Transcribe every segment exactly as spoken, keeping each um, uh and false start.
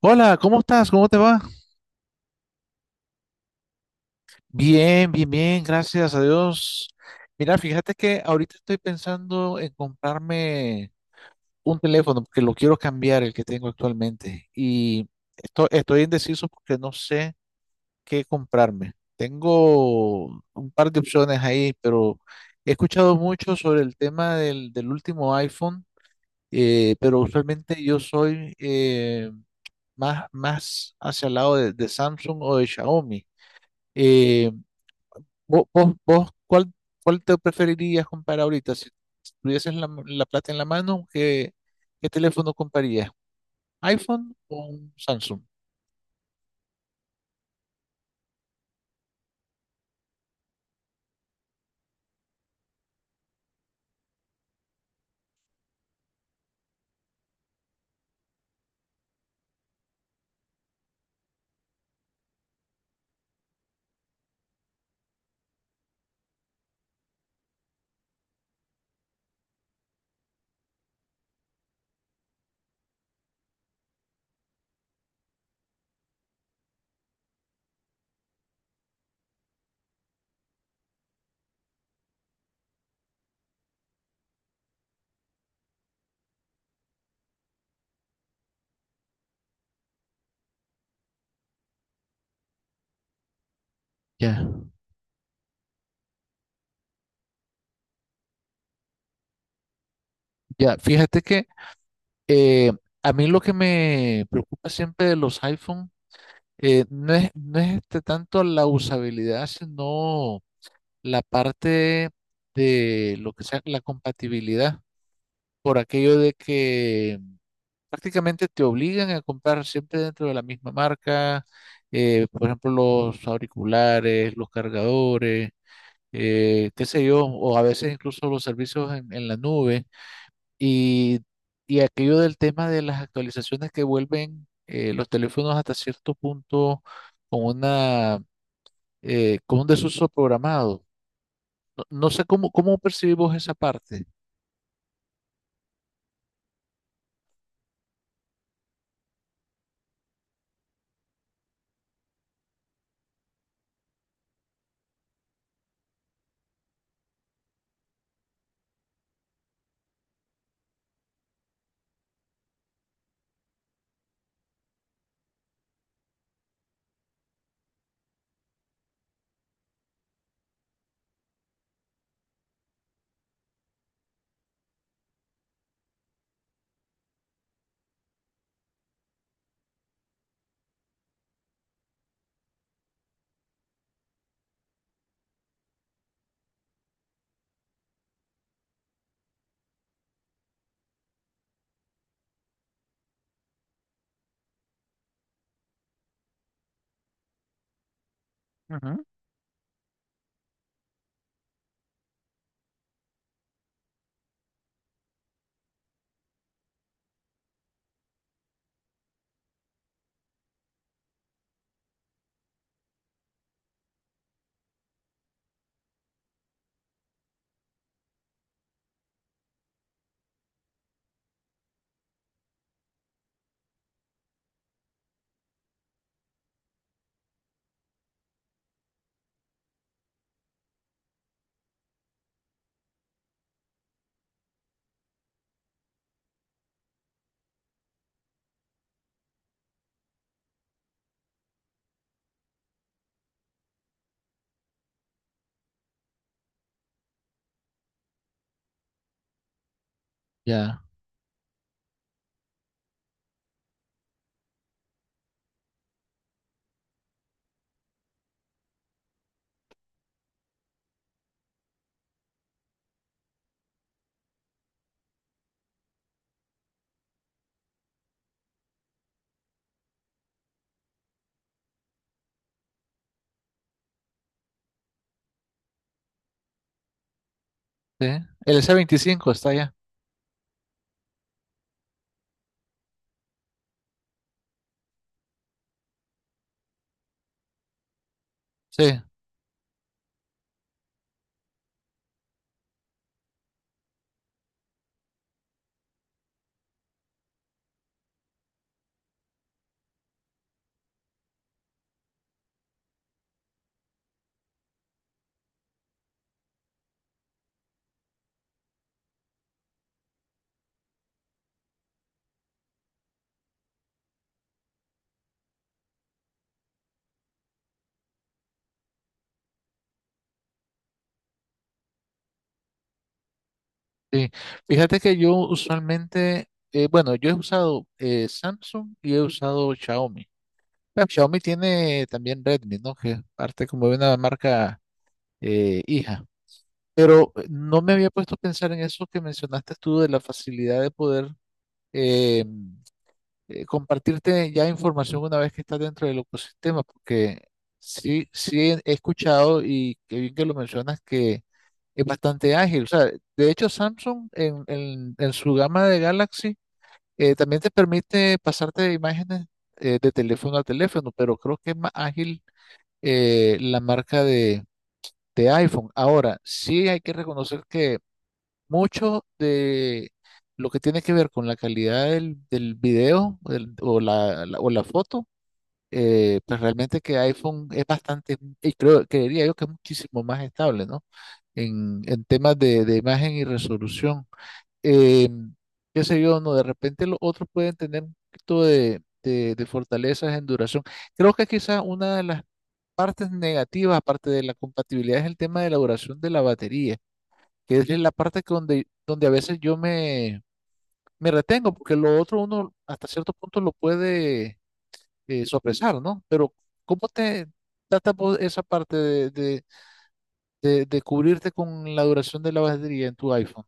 Hola, ¿cómo estás? ¿Cómo te va? Bien, bien, bien, gracias a Dios. Mira, fíjate que ahorita estoy pensando en comprarme un teléfono porque lo quiero cambiar, el que tengo actualmente. Y esto- estoy indeciso porque no sé qué comprarme. Tengo un par de opciones ahí, pero he escuchado mucho sobre el tema del, del último iPhone, eh, pero usualmente yo soy eh, más, más hacia el lado de, de Samsung o de Xiaomi. Eh, Vo- ¿Vos, vos, cuál, cuál te preferirías comprar ahorita? Si tuvieses la, la plata en la mano, ¿qué, ¿qué teléfono comprarías? ¿iPhone o un Samsung? Ya, ya, fíjate que eh, a mí lo que me preocupa siempre de los iPhone eh, no es, no es este tanto la usabilidad, sino la parte de lo que sea la compatibilidad, por aquello de que prácticamente te obligan a comprar siempre dentro de la misma marca, eh, por ejemplo, los auriculares, los cargadores, eh, qué sé yo, o a veces incluso los servicios en, en la nube y, y aquello del tema de las actualizaciones que vuelven eh, los teléfonos hasta cierto punto con una, eh, con un desuso programado. No, no sé cómo, cómo percibimos esa parte. Ujú. Ya, ¿sí? El s veinticinco está ya. Sí. Sí, fíjate que yo usualmente, eh, bueno, yo he usado eh, Samsung y he usado Xiaomi. Pero Xiaomi tiene también Redmi, ¿no? Que es parte como de una marca eh, hija. Pero eh, no me había puesto a pensar en eso que mencionaste tú de la facilidad de poder eh, eh, compartirte ya información una vez que estás dentro del ecosistema, porque sí, sí he he escuchado y qué bien que lo mencionas que es bastante ágil. O sea, de hecho, Samsung en, en- en su gama de Galaxy eh, también te permite pasarte imágenes eh, de teléfono a teléfono, pero creo que es más ágil eh, la marca de, de iPhone. Ahora, sí hay que reconocer que mucho de lo que tiene que ver con la calidad del, del video el- o la, la- o la foto eh, pues realmente que iPhone es bastante, y creo, creería yo que es muchísimo más estable, ¿no? En, en temas de, de imagen y resolución. Eh, qué sé yo, no, de repente los otros pueden tener un poquito de, de, de fortalezas en duración. Creo que quizá una de las partes negativas, aparte de la compatibilidad, es el tema de la duración de la batería, que es la parte que donde, donde a veces yo me, me retengo, porque lo otro uno hasta cierto punto lo puede eh, sopesar, ¿no? Pero ¿cómo te trata vos esa parte de, de, de- de cubrirte con la duración de la batería en tu iPhone?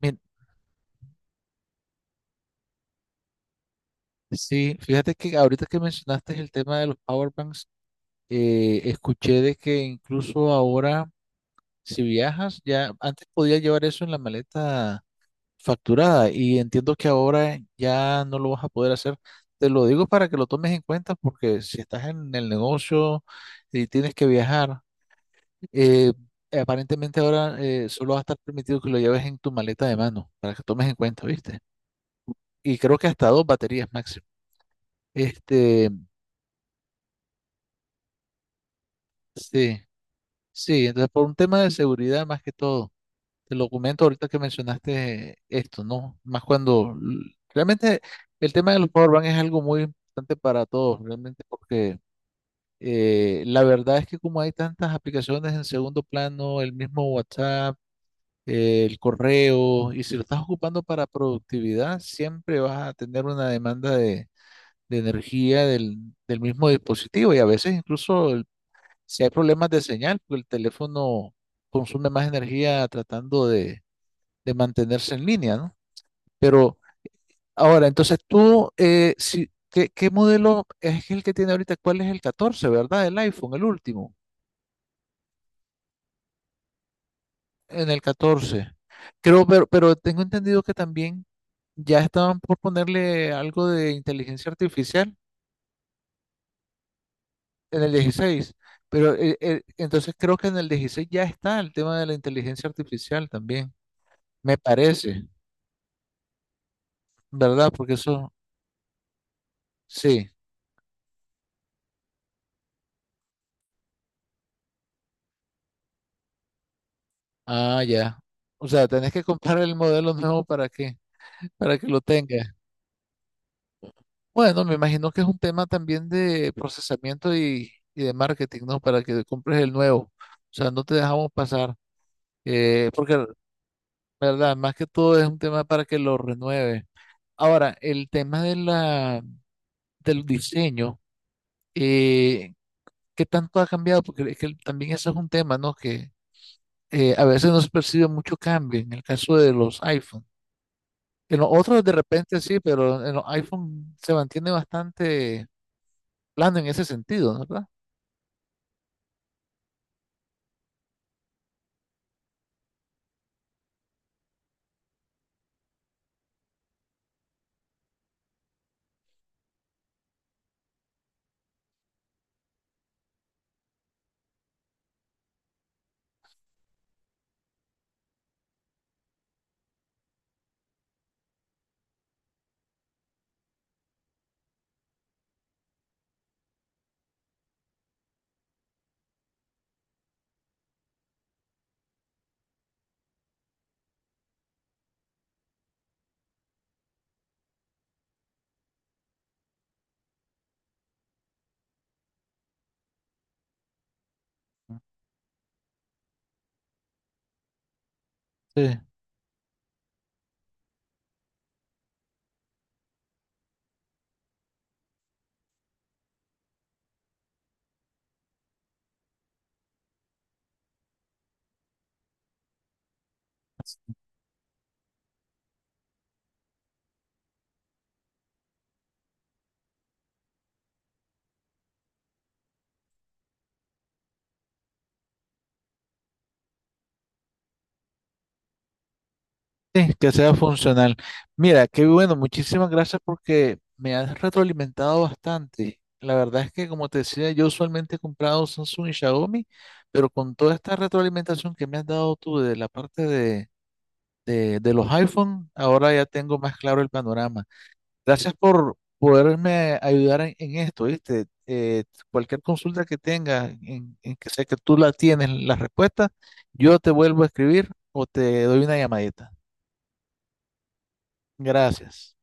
Bien, sí, fíjate que ahorita que mencionaste el tema de los power banks, eh, escuché de que incluso ahora, si viajas, ya antes podías llevar eso en la maleta facturada y entiendo que ahora ya no lo vas a poder hacer. Te lo digo para que lo tomes en cuenta porque si estás en el negocio y tienes que viajar, Eh, aparentemente ahora eh, solo va a estar permitido que lo lleves en tu maleta de mano, para que tomes en cuenta, ¿viste? Y creo que hasta dos baterías máximo. Este, sí, sí, entonces por un tema de seguridad más que todo, el lo ahorita que mencionaste esto, ¿no? Más cuando l- realmente el tema de los powerbank es algo muy importante para todos, realmente, porque eh, la verdad es que como hay tantas aplicaciones en segundo plano, el mismo WhatsApp, eh, el correo, y si lo estás ocupando para productividad, siempre vas a tener una demanda de, de energía del, del mismo dispositivo y a veces incluso el- si hay problemas de señal, pues el teléfono consume más energía tratando de, de mantenerse en línea, ¿no? Pero ahora, entonces tú, eh, si, ¿qué, ¿qué modelo es el que tiene ahorita? ¿Cuál es el catorce, verdad? El iPhone, el último. En el catorce. Creo, pero, pero tengo entendido que también ya estaban por ponerle algo de inteligencia artificial en el dieciséis. Pero eh, eh, entonces creo que en el dieciséis ya está el tema de la inteligencia artificial también. Me parece, ¿verdad? Porque eso, sí. Ah, ya. O sea, tenés que comprar el modelo nuevo para que, para que lo tenga. Bueno, me imagino que es un tema también de procesamiento y, y de marketing, ¿no? Para que compres el nuevo. O sea, no te dejamos pasar. Eh, porque, la ¿verdad? Más que todo es un tema para que lo renueve. Ahora, el tema de la, del diseño, eh, ¿qué tanto ha cambiado? Porque es que también eso es un tema, ¿no? Que eh, a veces no se percibe mucho cambio en el caso de los iPhone. En los otros de repente sí, pero en los iPhone se mantiene bastante plano en ese sentido, ¿no? ¿Verdad? Sí. Sí, que sea funcional. Mira, qué bueno, muchísimas gracias porque me has retroalimentado bastante. La verdad es que, como te decía, yo usualmente he comprado Samsung y Xiaomi, pero con toda esta retroalimentación que me has dado tú de la parte de, de, de los iPhone, ahora ya tengo más claro el panorama. Gracias por poderme ayudar en, en esto, ¿viste? Eh, cualquier consulta que tengas, en, en que sé que tú la tienes, la respuesta, yo te vuelvo a escribir o te doy una llamadita. Gracias.